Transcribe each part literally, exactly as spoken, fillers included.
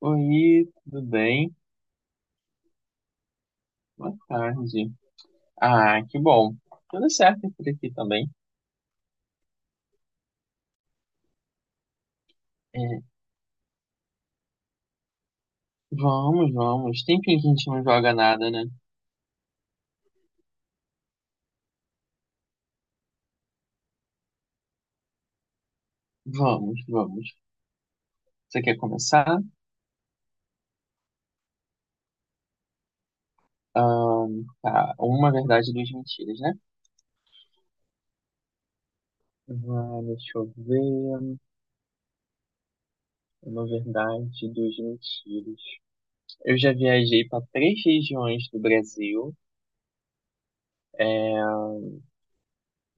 Oi, tudo bem? Boa tarde. Ah, que bom. Tudo certo por aqui também. É, vamos, vamos. Tem fim que a gente não joga nada, né? Vamos, vamos. Você quer começar? Ahn, tá, uma verdade e duas mentiras, né? Ah, deixa eu ver. Uma verdade e duas mentiras. Eu já viajei para três regiões do Brasil.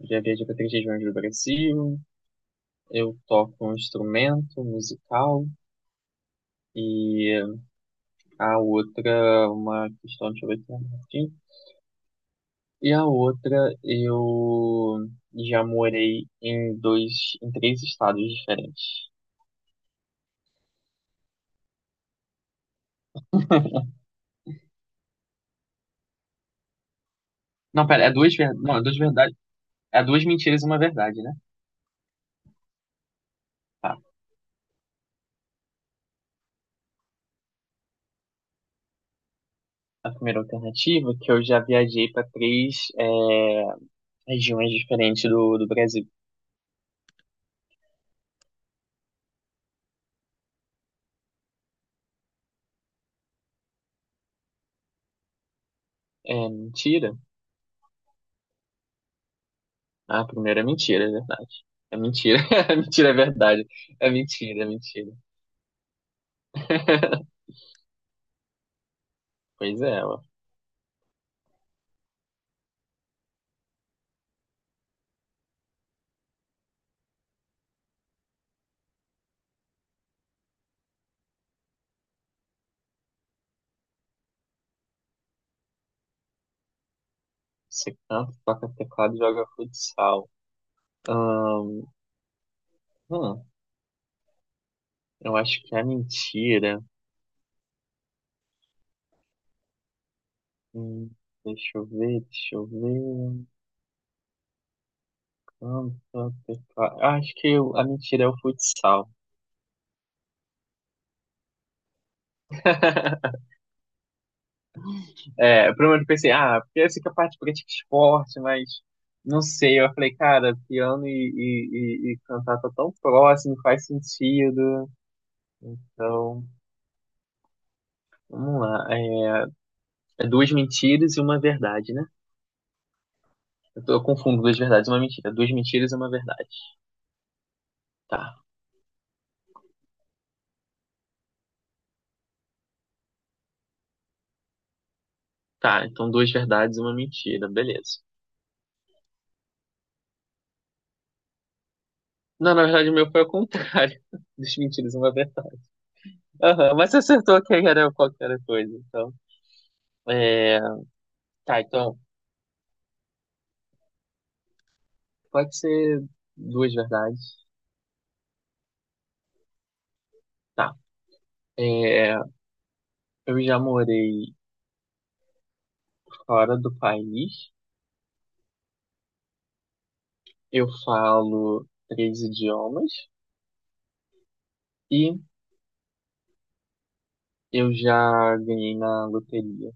Já viajei para três regiões do Brasil. Eu toco um instrumento musical. E a outra, uma questão, deixa eu ver se é aqui. E a outra, eu já morei em dois, em três estados diferentes. Não, pera, é duas, ver- não, é duas verdades, é duas mentiras e uma verdade, né? Tá. A primeira alternativa, é que eu já viajei para três, é, regiões diferentes do, do Brasil. É mentira? Ah, a primeira é mentira, é verdade. É mentira, é mentira, é verdade. É mentira, é mentira. Pois é, ué. Você canta, toca teclado e joga futsal. Ahn, hum, eu acho que é mentira. Hum, Deixa eu ver, deixa eu ver. Canta, teclado. Eu acho que o- a mentira é o futsal. É, primeiro eu pensei, ah, porque eu sei que é a parte política é esporte, mas não sei. Eu falei, cara, piano e, e, e, e cantar tá tão próximo, faz sentido. Então, vamos lá. É, é duas mentiras e uma verdade, né? Eu, tô- eu confundo duas verdades e uma mentira. Duas mentiras e uma verdade. Tá. Tá, então duas verdades e uma mentira. Beleza. Não, na verdade o meu foi ao contrário. Duas mentiras e uma verdade. Aham, mas você acertou que era qualquer coisa, então. É... Tá, então. Pode ser duas verdades. Tá. É... Eu já morei fora do país. Eu falo três idiomas. E eu já ganhei na loteria.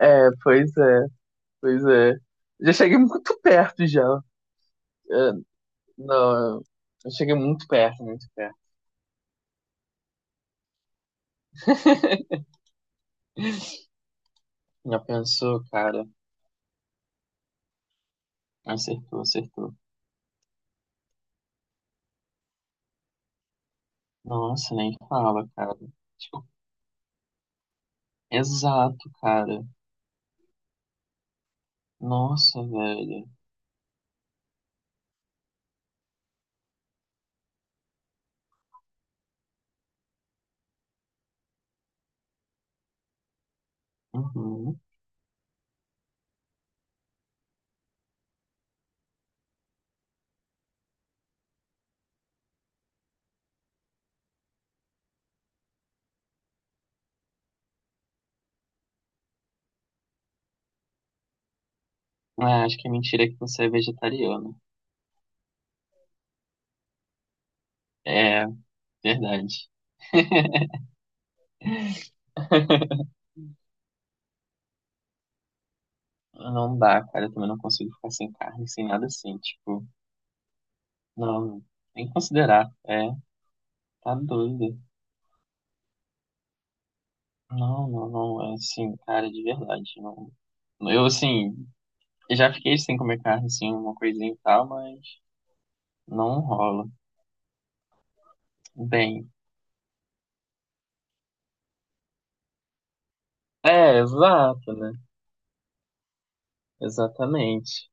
É, pois é. Pois é. Já cheguei muito perto já. É, não, eu eu cheguei muito perto, muito perto. Já pensou, cara? Acertou, acertou. Nossa, nem fala, cara. Tipo, exato, cara. Nossa, velho. Uhum. Ah, acho que a mentira é que você é vegetariano. É, verdade. Não dá, cara. Eu também não consigo ficar sem carne, sem nada assim. Tipo, não, nem considerar. É, tá doido. Não, não, não, é assim, cara, de verdade, não. Eu, assim, já fiquei sem comer carne, assim, uma coisinha e tal, mas não rola. Bem, é, exato, né? Exatamente.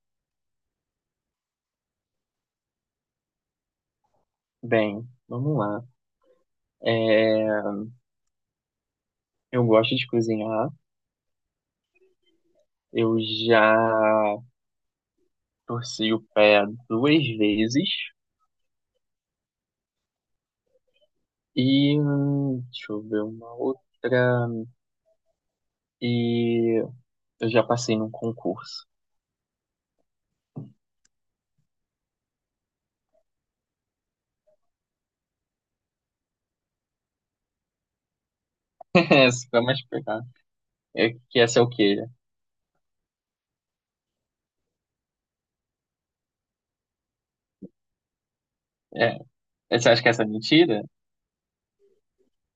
Bem, vamos lá. É, eu gosto de cozinhar, eu já torci o pé duas vezes e, hum, deixa eu ver, uma outra, e eu já passei num concurso. Essa foi mais pegar. É, que essa é o quê? É, você acha que essa é mentira?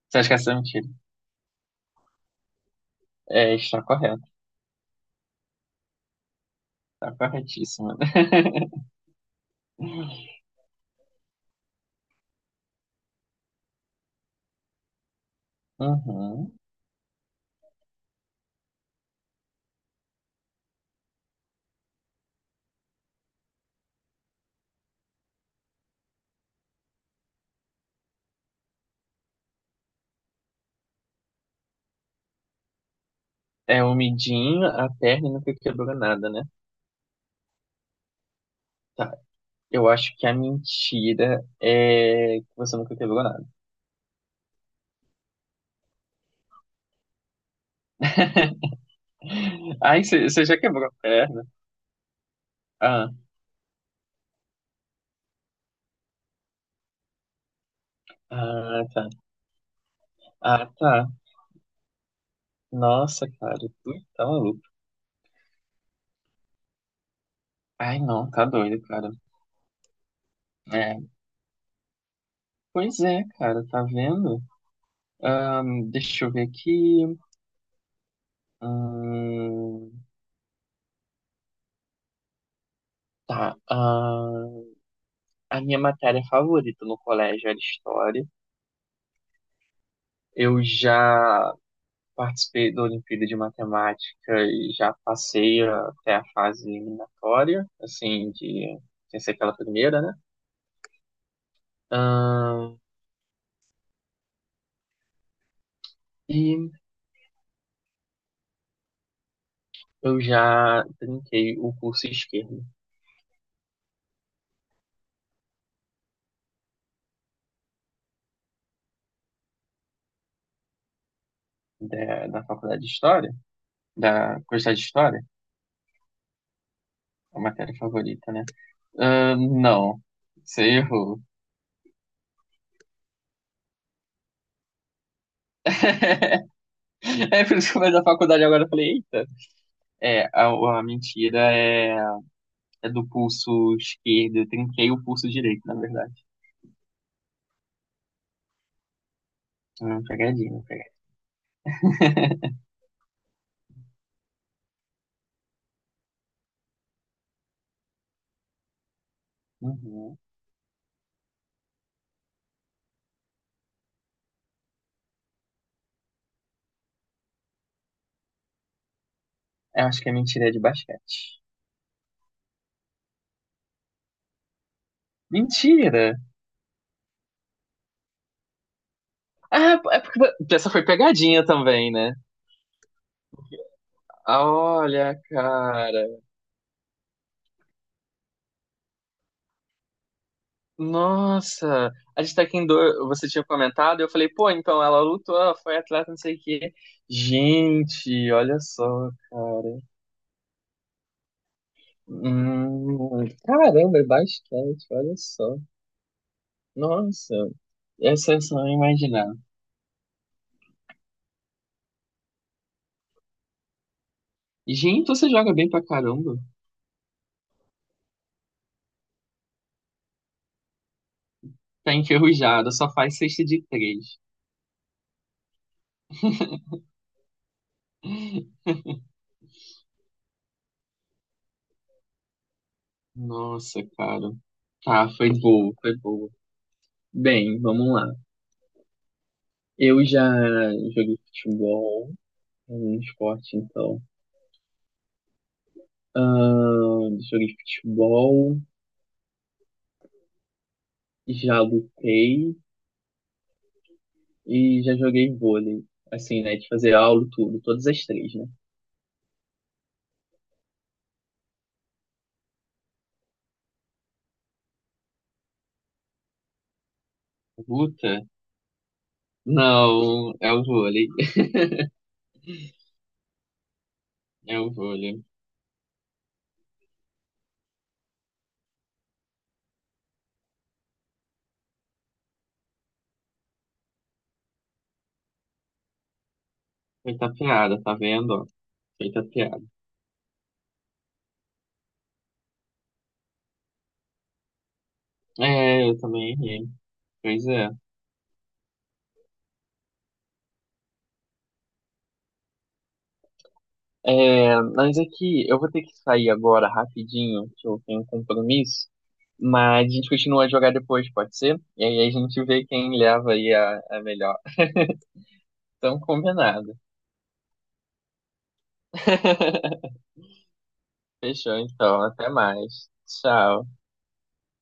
Você acha que essa é mentira? É, está correto. Está corretíssima. Uhum. É o midinho a perna e nunca quebrou nada, né? Tá. Eu acho que a mentira é que você nunca quebrou nada. Ai, você você já quebrou a perna? Ah, ah, tá. Ah, tá. Nossa, cara, tu tá maluco. Ai, não, tá doido, cara. É, pois é, cara, tá vendo? Ahn, deixa eu ver aqui. Hum, Tá, ah, a minha matéria favorita no colégio era história. Eu já participei da Olimpíada de Matemática e já passei até a fase eliminatória, assim, de sem ser aquela primeira, né? Ah, e eu já trinquei o curso esquerdo da, da Faculdade de História, da Curso de História, a matéria favorita, né? Ah, não, você errou. É por isso que eu fiz a faculdade agora, eu falei, eita. É, a, a mentira é, é do pulso esquerdo. Eu trinquei o pulso direito, na verdade. Hum, pegadinha, pegadinha. Uhum. Eu acho que a mentira é de basquete. Mentira! Ah, é porque essa foi pegadinha também, né? Ah, olha, cara. Nossa, a gente tá aqui em dor. Você tinha comentado, eu falei, pô, então ela lutou, ela foi atleta, não sei o quê. Gente, olha só, cara. Hum, caramba, é basquete, olha só. Nossa, essa é só imaginar. Gente, você joga bem pra caramba. Tá enferrujado, só faz cesta de três. Nossa, cara. Tá, foi boa, foi boa. Bem, vamos lá. Eu já joguei futebol, é um esporte então. Ahn, joguei futebol, já lutei e já joguei vôlei. Assim, né, de fazer aula, tudo, todas as três, né? Luta? Não, é o vôlei. É o vôlei. Feita piada, tá vendo? Feita piada. É, eu também errei. Pois é. É, mas aqui, eu vou ter que sair agora rapidinho, que eu tenho um compromisso. Mas a gente continua a jogar depois, pode ser? E aí a gente vê quem leva aí a, a melhor. Então, combinado. Fechou, então. Até mais. Tchau.